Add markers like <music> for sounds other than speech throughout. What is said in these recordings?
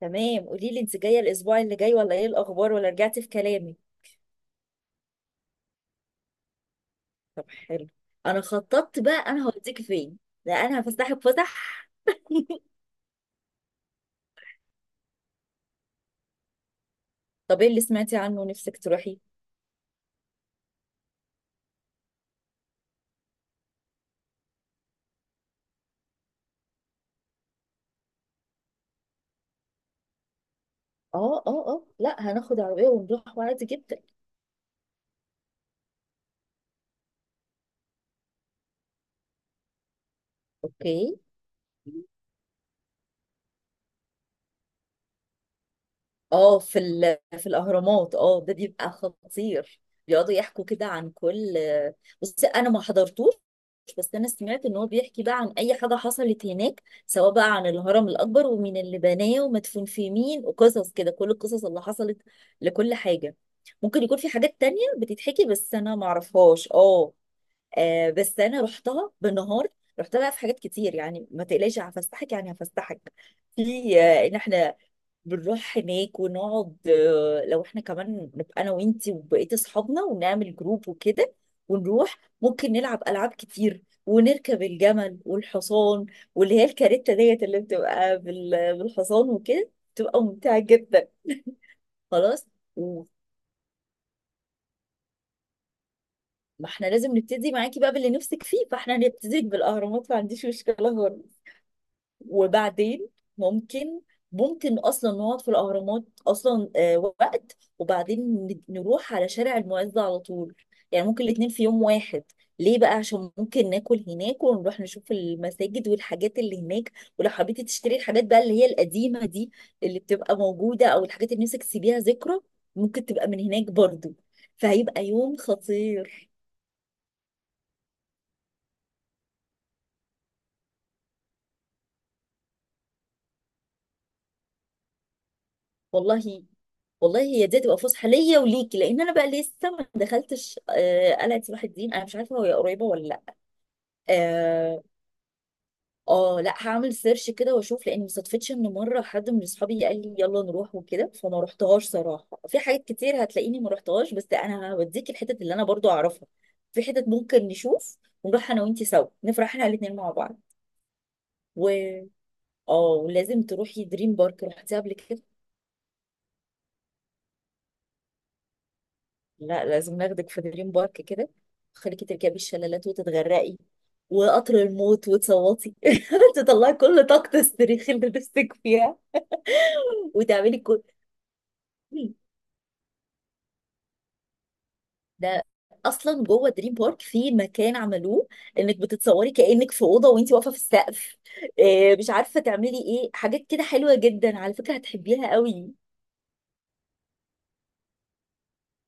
تمام، قولي لي انت جايه الاسبوع اللي جاي ولا ايه الاخبار ولا رجعتي في كلامي؟ طب حلو. انا خططت بقى، انا هوديك فين. لا، انا هفسحك فسح. <laughs> طب ايه اللي سمعتي عنه نفسك تروحي؟ اه اه اه، لا هناخد عربيه ونروح عادي جدا. اوكي. اه، في في الاهرامات، اه ده بيبقى خطير. بيقعدوا يحكوا كده عن كل، بس انا ما حضرتوش. بس انا سمعت ان هو بيحكي بقى عن اي حاجه حصلت هناك، سواء بقى عن الهرم الاكبر ومين اللي بناه ومدفون في مين، وقصص كده، كل القصص اللي حصلت لكل حاجه. ممكن يكون في حاجات تانية بتتحكي بس انا ما اعرفهاش، اه. بس انا رحتها بالنهار. رحت بقى في حاجات كتير، يعني ما تقلقيش هفسحك يعني هفسحك في. ان احنا بنروح هناك ونقعد، لو احنا كمان نبقى انا وانتي وبقية اصحابنا ونعمل جروب وكده. ونروح ممكن نلعب العاب كتير ونركب الجمل والحصان، واللي هي الكاريتا ديت اللي بتبقى بالحصان وكده، بتبقى ممتعة جدا. خلاص. وما احنا لازم نبتدي معاكي بقى باللي نفسك فيه، فاحنا هنبتدي بالاهرامات، ما عنديش مشكلة خالص. وبعدين ممكن ممكن اصلا نقعد في الاهرامات اصلا، وقت. وبعدين نروح على شارع المعز على طول. يعني ممكن الاتنين في يوم واحد. ليه بقى؟ عشان ممكن ناكل هناك ونروح نشوف المساجد والحاجات اللي هناك. ولو حبيتي تشتري الحاجات بقى اللي هي القديمة دي، اللي بتبقى موجودة، او الحاجات اللي نفسك تسيبيها ذكرى، ممكن تبقى من هناك برضو. فهيبقى يوم خطير. والله والله، هي دي هتبقى فسحه ليا وليكي، لان انا بقى لسه ما دخلتش. قلعه صلاح الدين انا مش عارفه هي قريبه ولا لا. اه. لا هعمل سيرش كده واشوف، لان ما صدفتش ان مره حد من اصحابي قال لي يلا نروح وكده، فما رحتهاش صراحه. في حاجات كتير هتلاقيني ما رحتهاش، بس انا هوديك الحتت اللي انا برضو اعرفها. في حتت ممكن نشوف، ونروح انا وانتي سوا، نفرح احنا الاثنين مع بعض. و اه ولازم تروحي دريم بارك، رحتيها قبل كده؟ لا لازم ناخدك في دريم بارك كده. خليكي تركبي الشلالات وتتغرقي، وقطر الموت وتصوتي. <laughs> تطلعي كل طاقة الصريخ اللي نفسك فيها، وتعملي كل. <clears throat> ده اصلا جوه دريم بارك في مكان عملوه، انك بتتصوري كانك في اوضه وانت واقفه في السقف. إيه مش عارفه تعملي ايه، حاجات كده حلوه جدا على فكره، هتحبيها قوي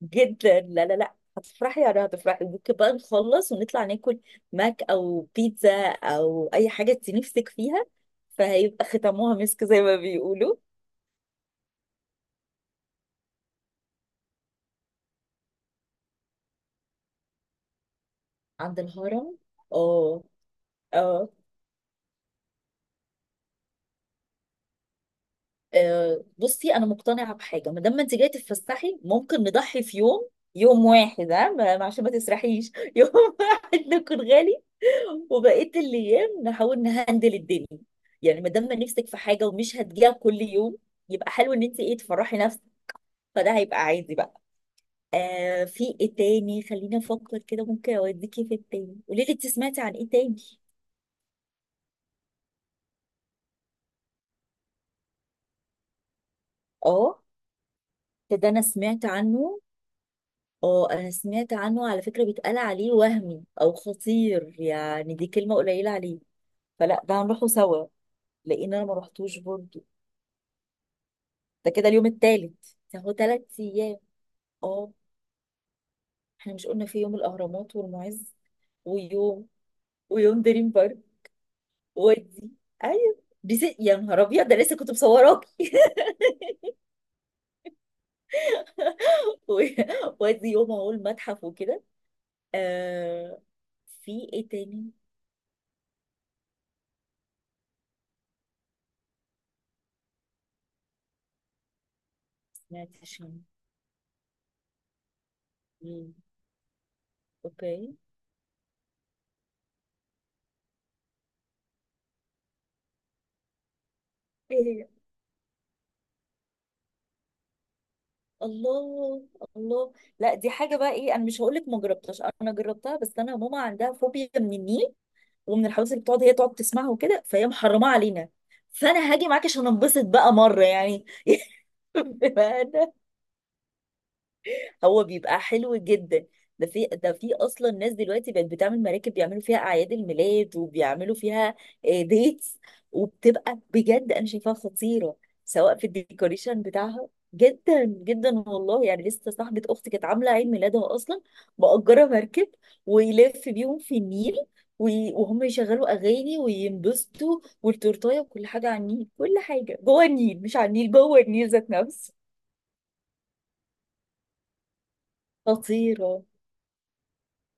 جدا. لا لا لا، هتفرحي يعني هتفرحي. ممكن بقى نخلص ونطلع ناكل ماك او بيتزا او اي حاجه انت نفسك فيها. فهيبقى ختموها مسك زي ما بيقولوا. عند الهرم، اه. اه، بصي انا مقتنعه بحاجه، ما دام ما انت جايه تتفسحي، ممكن نضحي في يوم، يوم واحد ها عشان ما تسرحيش. <laughs> يوم واحد نكون غالي، وبقيه الايام نحاول نهندل الدنيا. يعني ما دام ما نفسك في حاجه ومش هتجيها كل يوم، يبقى حلو ان انت ايه تفرحي نفسك. فده هيبقى عادي بقى. آه، في ايه تاني خليني افكر كده ممكن اوديكي في التاني. قولي لي انت سمعتي عن ايه تاني؟ اه، ده انا سمعت عنه. اه انا سمعت عنه على فكرة، بيتقال عليه وهمي او خطير، يعني دي كلمة قليلة عليه. فلا ده هنروحه سوا. لان انا ما رحتوش برضه. ده كده اليوم التالت، ده هو 3 ايام. اه، احنا مش قلنا في يوم الاهرامات والمعز، ويوم ويوم دريم بارك. ودي ايوه، يا نهار ابيض ده لسه كنت مصوراكي. <laughs> و- وادي يوم اهو المتحف وكده، آه. في ايه تاني ما سمعتش عنه. مم. اوكي. الله الله. لا دي حاجه بقى ايه، انا مش هقول لك ما جربتهاش، انا جربتها، بس انا ماما عندها فوبيا من النيل، ومن الحوادث اللي بتقعد هي تقعد تسمعها وكده، فهي محرمه علينا. فانا هاجي معاك عشان انبسط بقى مره يعني. <laughs> بما أنا. هو بيبقى حلو جدا. ده في اصلا ناس دلوقتي بقت بتعمل مراكب، بيعملوا فيها اعياد الميلاد، وبيعملوا فيها ديتس. وبتبقى بجد انا شايفاها خطيره، سواء في الديكوريشن بتاعها. جدا جدا والله، يعني لسه صاحبة اختي كانت عاملة عيد ميلادها اصلا مأجرة مركب، ويلف بيهم في النيل، وهم يشغلوا اغاني وينبسطوا والتورتايه، وكل حاجه على النيل، كل حاجه جوه النيل، مش على النيل، جوه النيل ذات نفسه. خطيره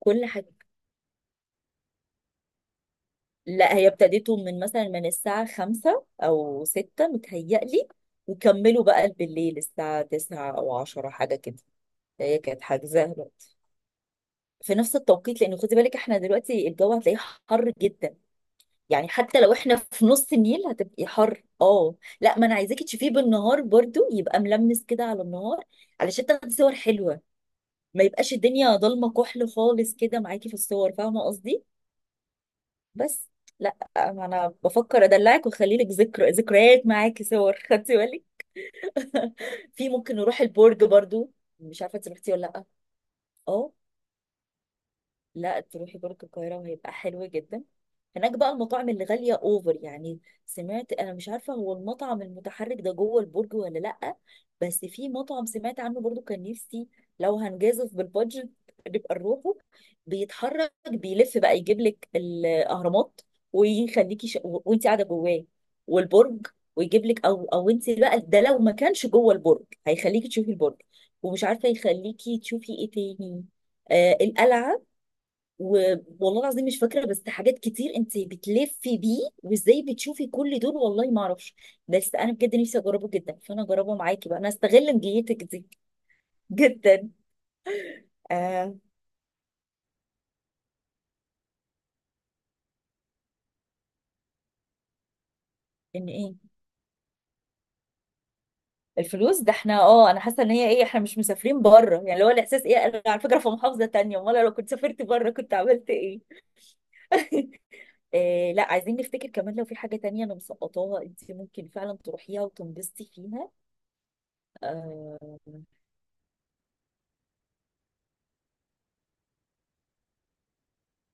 كل حاجه. لا، هي ابتديته من مثلا من الساعة 5 أو 6 متهيألي، وكملوا بقى بالليل الساعة 9 أو 10 حاجة كده. هي كانت حاجزة بقى في نفس التوقيت. لأن خدي بالك احنا دلوقتي الجو هتلاقيه حر جدا، يعني حتى لو احنا في نص النيل هتبقي حر، اه. لا، ما انا عايزاكي تشوفيه بالنهار برضو، يبقى ملمس كده على النهار، علشان تاخدي صور حلوة. ما يبقاش الدنيا ضلمة كحل خالص كده معاكي في الصور، فاهمة قصدي؟ بس لا، ما انا بفكر ادلعك واخلي لك ذكريات معاكي، صور، خدتي بالك؟ <laughs> في ممكن نروح البرج برضو، مش عارفه انت رحتي ولا لا. اه، لا تروحي برج القاهرة وهيبقى حلو جدا. هناك بقى المطاعم اللي غالية اوفر يعني. سمعت انا، مش عارفة هو المطعم المتحرك ده جوه البرج ولا لأ، بس في مطعم سمعت عنه برضو كان نفسي لو هنجازف بالبادجت نبقى نروحه. بيتحرك بيلف بقى يجيب لك الأهرامات، ويخليكي وانت قاعدة جواه، والبرج. ويجيب لك، او انت بقى ده لو ما كانش جوه البرج هيخليكي تشوفي البرج، ومش عارفة يخليكي تشوفي ايه تاني. آه القلعة. والله العظيم مش فاكره، بس حاجات كتير انت بتلفي بيه، وازاي بتشوفي كل دول والله ما اعرفش. بس انا بجد نفسي اجربه جدا، فانا اجربه معاكي بقى انا، استغل نجيتك دي. <laughs> جدا. آه. ان ايه؟ الفلوس ده احنا اه، انا حاسه ان هي ايه، احنا مش مسافرين بره يعني، اللي هو الاحساس ايه، انا على فكره في محافظه تانية، امال لو كنت سافرت بره كنت عملت ايه. <laughs> آه لا، عايزين نفتكر كمان لو في حاجه تانية انا مسقطاها انت ممكن فعلا تروحيها وتنبسطي فيها. آه.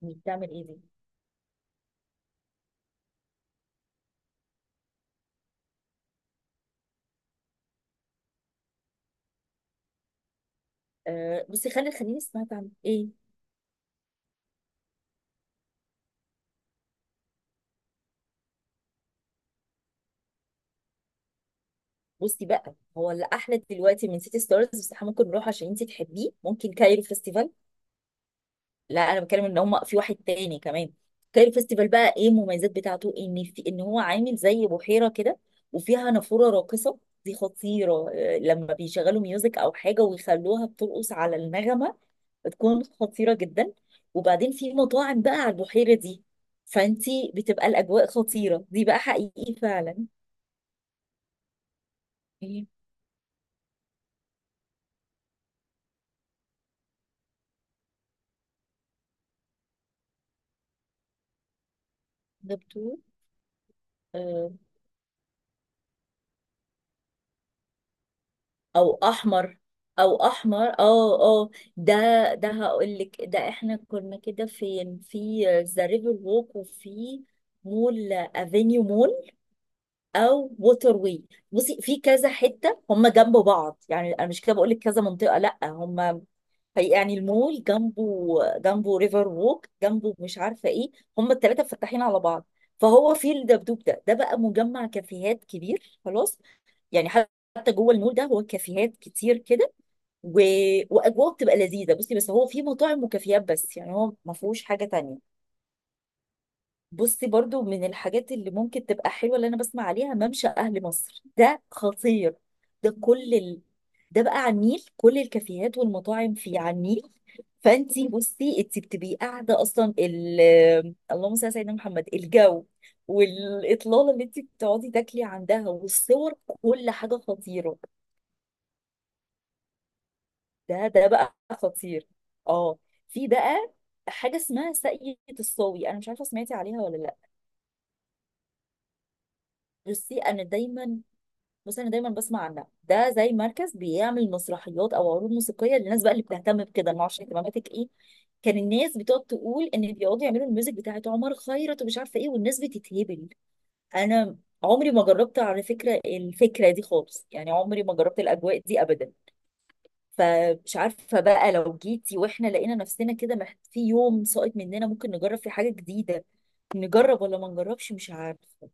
بتعمل ايه دي؟ آه، بصي خلي الخليجي سمعت عن ايه. بصي بقى هو اللي احلى دلوقتي من سيتي ستارز، بس احنا ممكن نروح عشان انت تحبيه، ممكن كايرو فيستيفال. لا انا بتكلم ان هم في واحد تاني كمان. كايرو فيستيفال بقى ايه المميزات بتاعته، ان في ان هو عامل زي بحيره كده، وفيها نافوره راقصه. دي خطيره، لما بيشغلوا ميوزك او حاجه ويخلوها بترقص على النغمه، بتكون خطيره جدا. وبعدين في مطاعم بقى على البحيره دي، فانتي بتبقى الاجواء خطيره دي بقى حقيقي فعلا. إيه؟ ده بتور، آه، او احمر. او احمر، اه اه. ده ده هقول لك، ده احنا كنا كده فين في ذا ريفر ووك، وفي مول افينيو مول، او ووتر واي. بصي في كذا حته هم جنب بعض يعني، انا مش كده بقول لك كذا منطقه، لا هم يعني المول جنبه، جنبه ريفر ووك، جنبه مش عارفه ايه. هم الثلاثه مفتحين على بعض. فهو في الدبدوب ده، ده بقى مجمع كافيهات كبير خلاص. يعني حتى جوه المول ده هو كافيهات كتير كده. و... واجواء بتبقى لذيذه. بصي بس هو في مطاعم وكافيهات بس، يعني هو ما فيهوش حاجه تانية. بصي برضو من الحاجات اللي ممكن تبقى حلوه اللي انا بسمع عليها، ممشى اهل مصر، ده خطير. ده كل ال... ده بقى على النيل، كل الكافيهات والمطاعم فيه على النيل. فانتي بصي انتي بتبقي قاعده اصلا اللهم صل على سيدنا محمد، الجو والاطلاله اللي انتي بتقعدي تاكلي عندها والصور، كل حاجه خطيره. ده بقى خطير. اه. في بقى حاجه اسمها ساقية الصاوي، انا مش عارفه سمعتي عليها ولا لا. بصي انا دايما بصي انا دايما بسمع عنها، ده زي مركز بيعمل مسرحيات او عروض موسيقيه، للناس بقى اللي بتهتم بكده، ما اعرفش اهتماماتك ايه. كان الناس بتقعد تقول ان بيقعدوا يعملوا الميوزك بتاعت عمر خيرت ومش عارفه ايه، والناس بتتهبل. انا عمري ما جربت على فكره الفكره دي خالص، يعني عمري ما جربت الاجواء دي ابدا. فمش عارفة بقى لو جيتي واحنا لقينا نفسنا كده في يوم ساقط مننا ممكن نجرب فيه حاجة جديدة، نجرب ولا ما نجربش مش عارفة.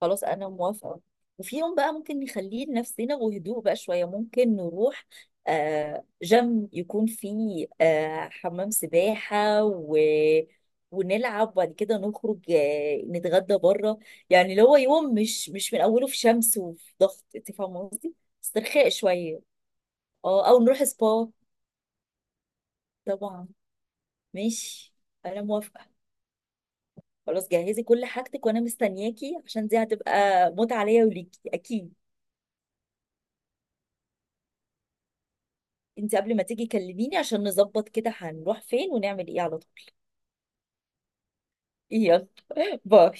خلاص انا موافقة. وفي يوم بقى ممكن نخليه لنفسنا وهدوء بقى شوية. ممكن نروح جيم يكون فيه حمام سباحة، ونلعب وبعد كده نخرج، نتغدى بره. يعني اللي هو يوم مش من اوله في شمس وفي ضغط، انت فاهمه قصدي. استرخاء شويه. اه، او نروح سبا. طبعا. ماشي. انا موافقه. خلاص جهزي كل حاجتك وانا مستنياكي، عشان دي هتبقى متعه ليا وليكي اكيد. انت قبل ما تيجي كلميني عشان نظبط كده هنروح فين ونعمل ايه على طول. يلا. <laughs> باي.